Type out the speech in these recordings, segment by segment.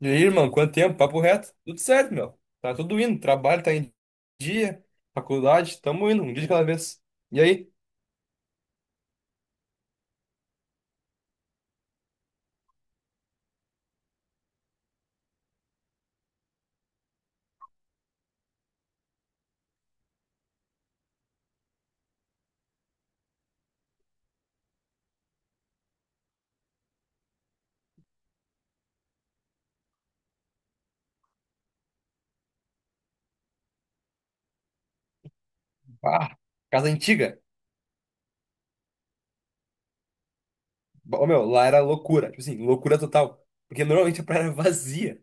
E aí, irmão, quanto tempo? Papo reto? Tudo certo, meu. Tá tudo indo. Trabalho tá em dia, faculdade, tamo indo, um dia de cada vez. E aí? Ah, casa antiga. Ô, meu, lá era loucura. Tipo assim, loucura total. Porque normalmente a praia era vazia,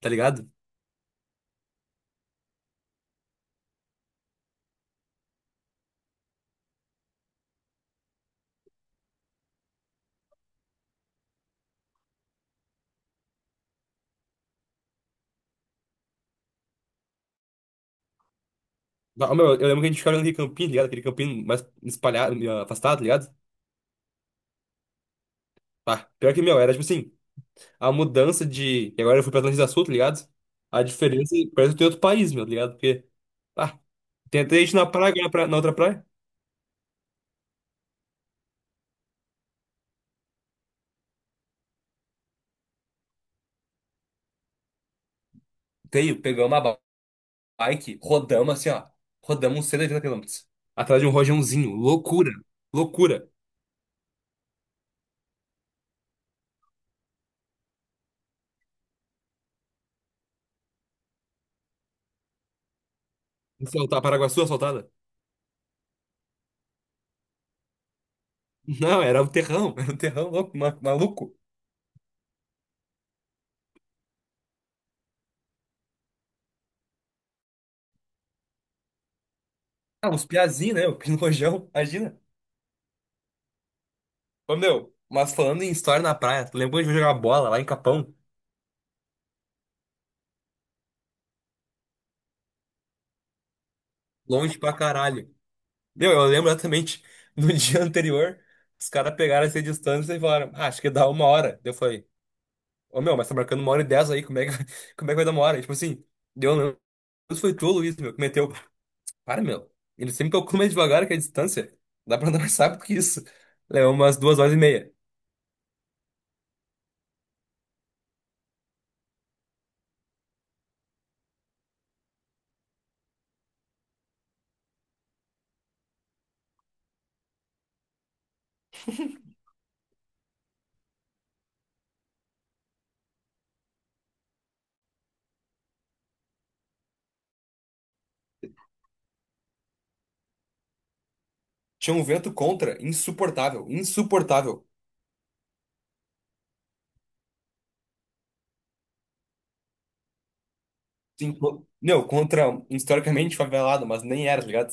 tá ligado? Bah, ô, meu, eu lembro que a gente ficava olhando aquele campinho, tá ligado? Aquele campinho mais espalhado, meio afastado, tá ligado? Pá, pior que, meu, era tipo assim, a mudança de... E agora eu fui pra Atlântida Sul, tá ligado? A diferença é que parece que eu tô em outro país, meu, tá ligado? Porque, pá, tem até gente na praia, agora na na outra praia. Tenho, pegamos uma bike, rodamos assim, ó. Rodamos uns 180 quilômetros. Atrás de um rojãozinho. Loucura. Loucura. Soltar Paraguaçu assaltada? Não, era o terrão. Era o terrão louco, maluco. Ah, uns piazinhos, né? O rojão, imagina. Ô, meu, mas falando em história na praia, tu lembra quando a gente foi jogar bola lá em Capão? Longe pra caralho. Meu, eu lembro exatamente. No dia anterior, os caras pegaram essa distância e falaram, ah, acho que dá uma hora. Daí eu falei, ô, meu, mas tá marcando uma hora e dez aí, como é que, como é que vai dar uma hora? E, tipo assim, deu, não. Isso foi tu, Luiz, meu, que meteu. Para, meu. Ele sempre calcula mais devagar que a distância. Dá pra andar mais rápido que isso. Levou umas duas horas e meia. Tinha um vento contra, insuportável, insuportável. Sim, meu, contra um historicamente favelado, mas nem era, tá ligado?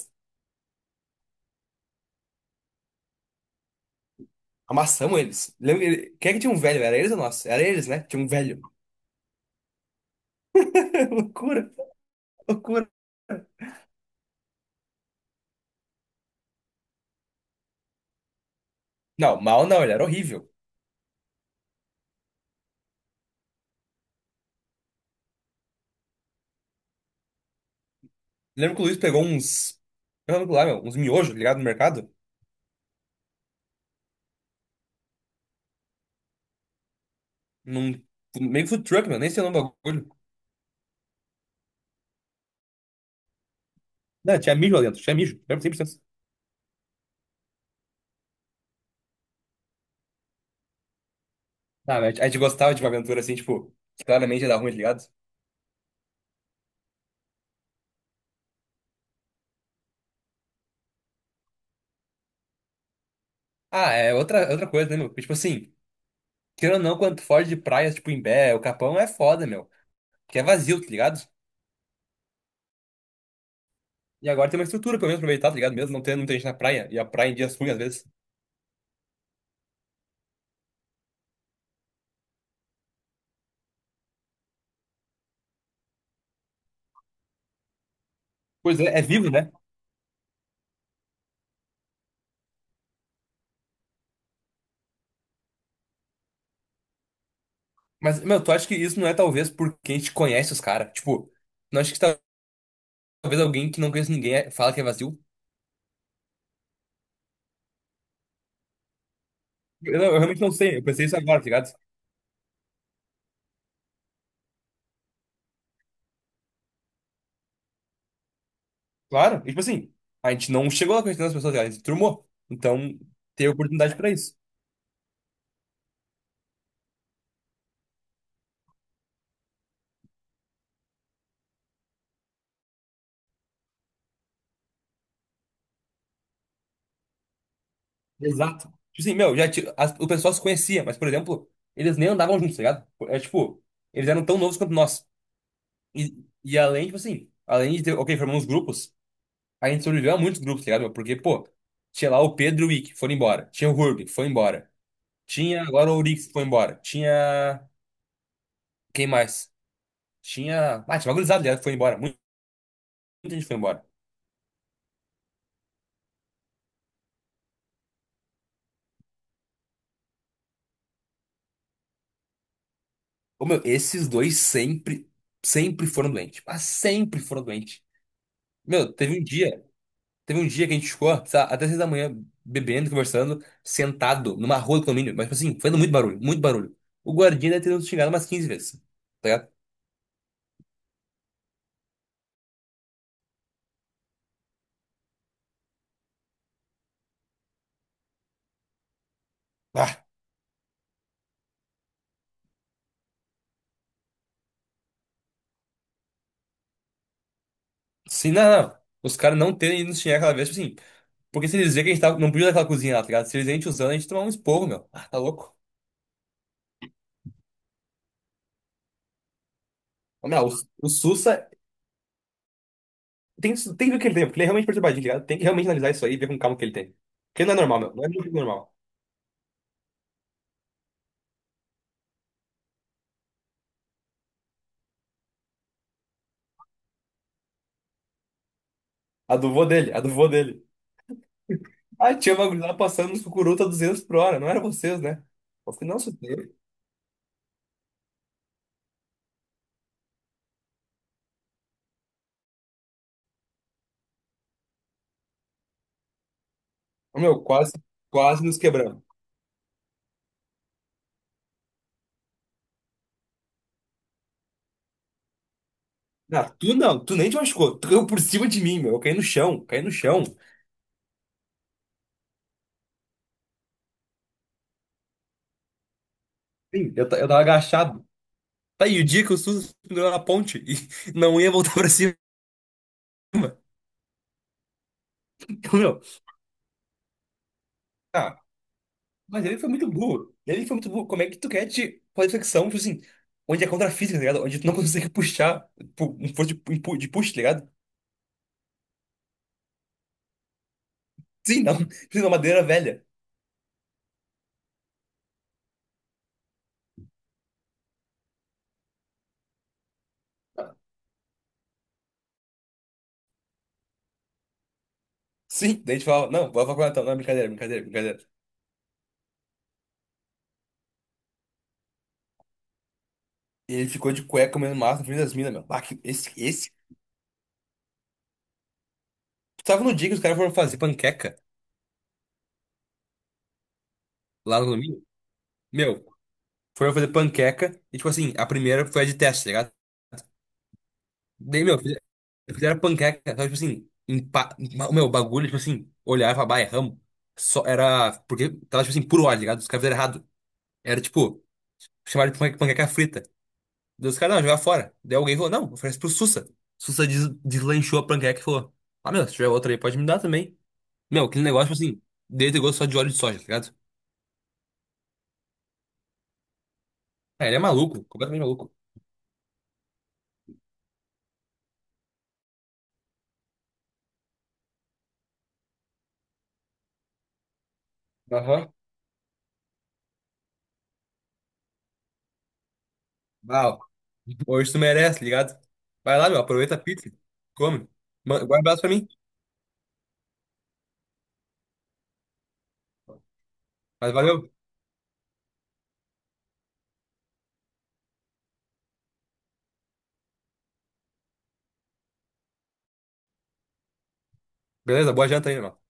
Amassamos eles. Lembra, quem é que tinha um velho? Era eles ou nós? Era eles, né? Tinha um velho. Loucura, loucura. Não, mal não, ele era horrível. Lembro que o Luiz pegou uns. Eu lembro lá, meu, uns miojos, ligado no mercado. Num meio food truck, meu, nem sei o nome do bagulho. Não, tinha mijo lá dentro, tinha mijo, lembro 100%. Ah, mas a gente gostava de uma aventura assim, tipo, que claramente ia dar ruim, tá ligado? Ah, é outra coisa, né, meu? Porque, tipo assim, querendo ou não, quando tu foge de praias, tipo, Imbé, o Capão é foda, meu. Porque é vazio, tá ligado? E agora tem uma estrutura pra mesmo aproveitar, tá ligado? Mesmo não tendo muita gente na praia, e a praia em dias ruins, às vezes. Pois é, é vivo, né? Mas, meu, tu acha que isso não é talvez porque a gente conhece os caras? Tipo, não acho que talvez alguém que não conhece ninguém fala que é vazio? Eu, eu realmente não sei, eu pensei isso agora, tá ligado? Claro, e, tipo assim, a gente não chegou lá conhecendo as pessoas, tá ligado? A gente turmou. Então, ter oportunidade pra isso. Exato. Tipo assim, meu, já, o pessoal se conhecia, mas, por exemplo, eles nem andavam juntos, tá ligado? É tipo, eles eram tão novos quanto nós. E além, tipo assim, além de ter, ok, formamos grupos, a gente sobreviveu a muitos grupos, tá ligado? Meu? Porque, pô, tinha lá o Pedro e o Wick, foram embora. Tinha o Hurby, foi embora. Tinha agora o Urix, foi embora. Tinha. Quem mais? Tinha. Ah, tinha uma gurizada, tá ligado? Foi embora. Muita gente foi embora. Ô, meu, esses dois sempre, sempre foram doentes. Mas sempre foram doentes. Meu, teve um dia. Teve um dia que a gente ficou, sei lá, até 6 da manhã, bebendo, conversando, sentado numa rua do condomínio, mas, tipo assim, fazendo muito barulho, muito barulho. O guardinha deve ter nos xingado umas 15 vezes, tá ligado? Ah, sim, não, não. Os caras não terem ido nos xingar aquela vez, tipo assim, porque se eles verem que a gente tava, não podia naquela cozinha lá, tá ligado? Se eles verem a gente usando, a gente tomava um esporro, meu. Ah, tá louco. Ô, meu, o Sussa tem, tem que ver o que ele tem, porque ele é realmente perturbadinho, tá ligado? Tem que realmente analisar isso aí e ver com calma o que ele tem. Porque ele não é normal, meu. Não é muito normal. A do vô dele, a do vô dele. Aí tinha uma gurizada passando nos cucuruta a 200 por hora, não era vocês, né? Eu falei, não, sustei. Meu, quase, quase nos quebramos. Ah, tu não, tu nem te machucou, tu caiu por cima de mim, meu, eu caí no chão, caí no chão. Sim, eu, eu tava agachado. Tá, e o dia que o SUS pendurou na ponte e não ia voltar pra cima, meu. Ah, mas ele foi muito burro, ele foi muito burro, como é que tu quer te fazer flexão, tipo assim, onde é contra a física, tá ligado? Onde tu não consegue puxar, um força de, de push, tá ligado? Sim, não, precisa de uma madeira velha. Sim, daí a gente falava, não, vai pra faculdade, então. Não, brincadeira, brincadeira, brincadeira. E ele ficou de cueca comendo massa na frente das minas, meu. Ah, esse, esse. Tu tava no dia que os caras foram fazer panqueca lá no domingo? Meu, foram fazer panqueca e, tipo assim, a primeira foi a de teste, tá ligado? Daí, meu, fizeram panqueca, só, tipo assim, empa... meu, bagulho, tipo assim, olhar e falar, bah, erramos. Só era, porque tava, tipo assim, por hora, tá ligado? Os caras fizeram errado. Era, tipo, chamaram de panqueca frita. Dos caras, não, jogar fora. Daí alguém falou, não, oferece pro Sussa. Sussa deslanchou a panqueca e falou, ah, meu, se tiver outra aí, pode me dar também. Meu, aquele negócio, tipo assim, dele tem gosto só de óleo de soja, tá ligado? Ah, ele é maluco, completamente maluco. Aham. Uau, hoje tu merece, tá ligado? Vai lá, meu, aproveita a pizza, come. Guarda um abraço pra mim, mas valeu. Beleza, boa janta aí, irmão.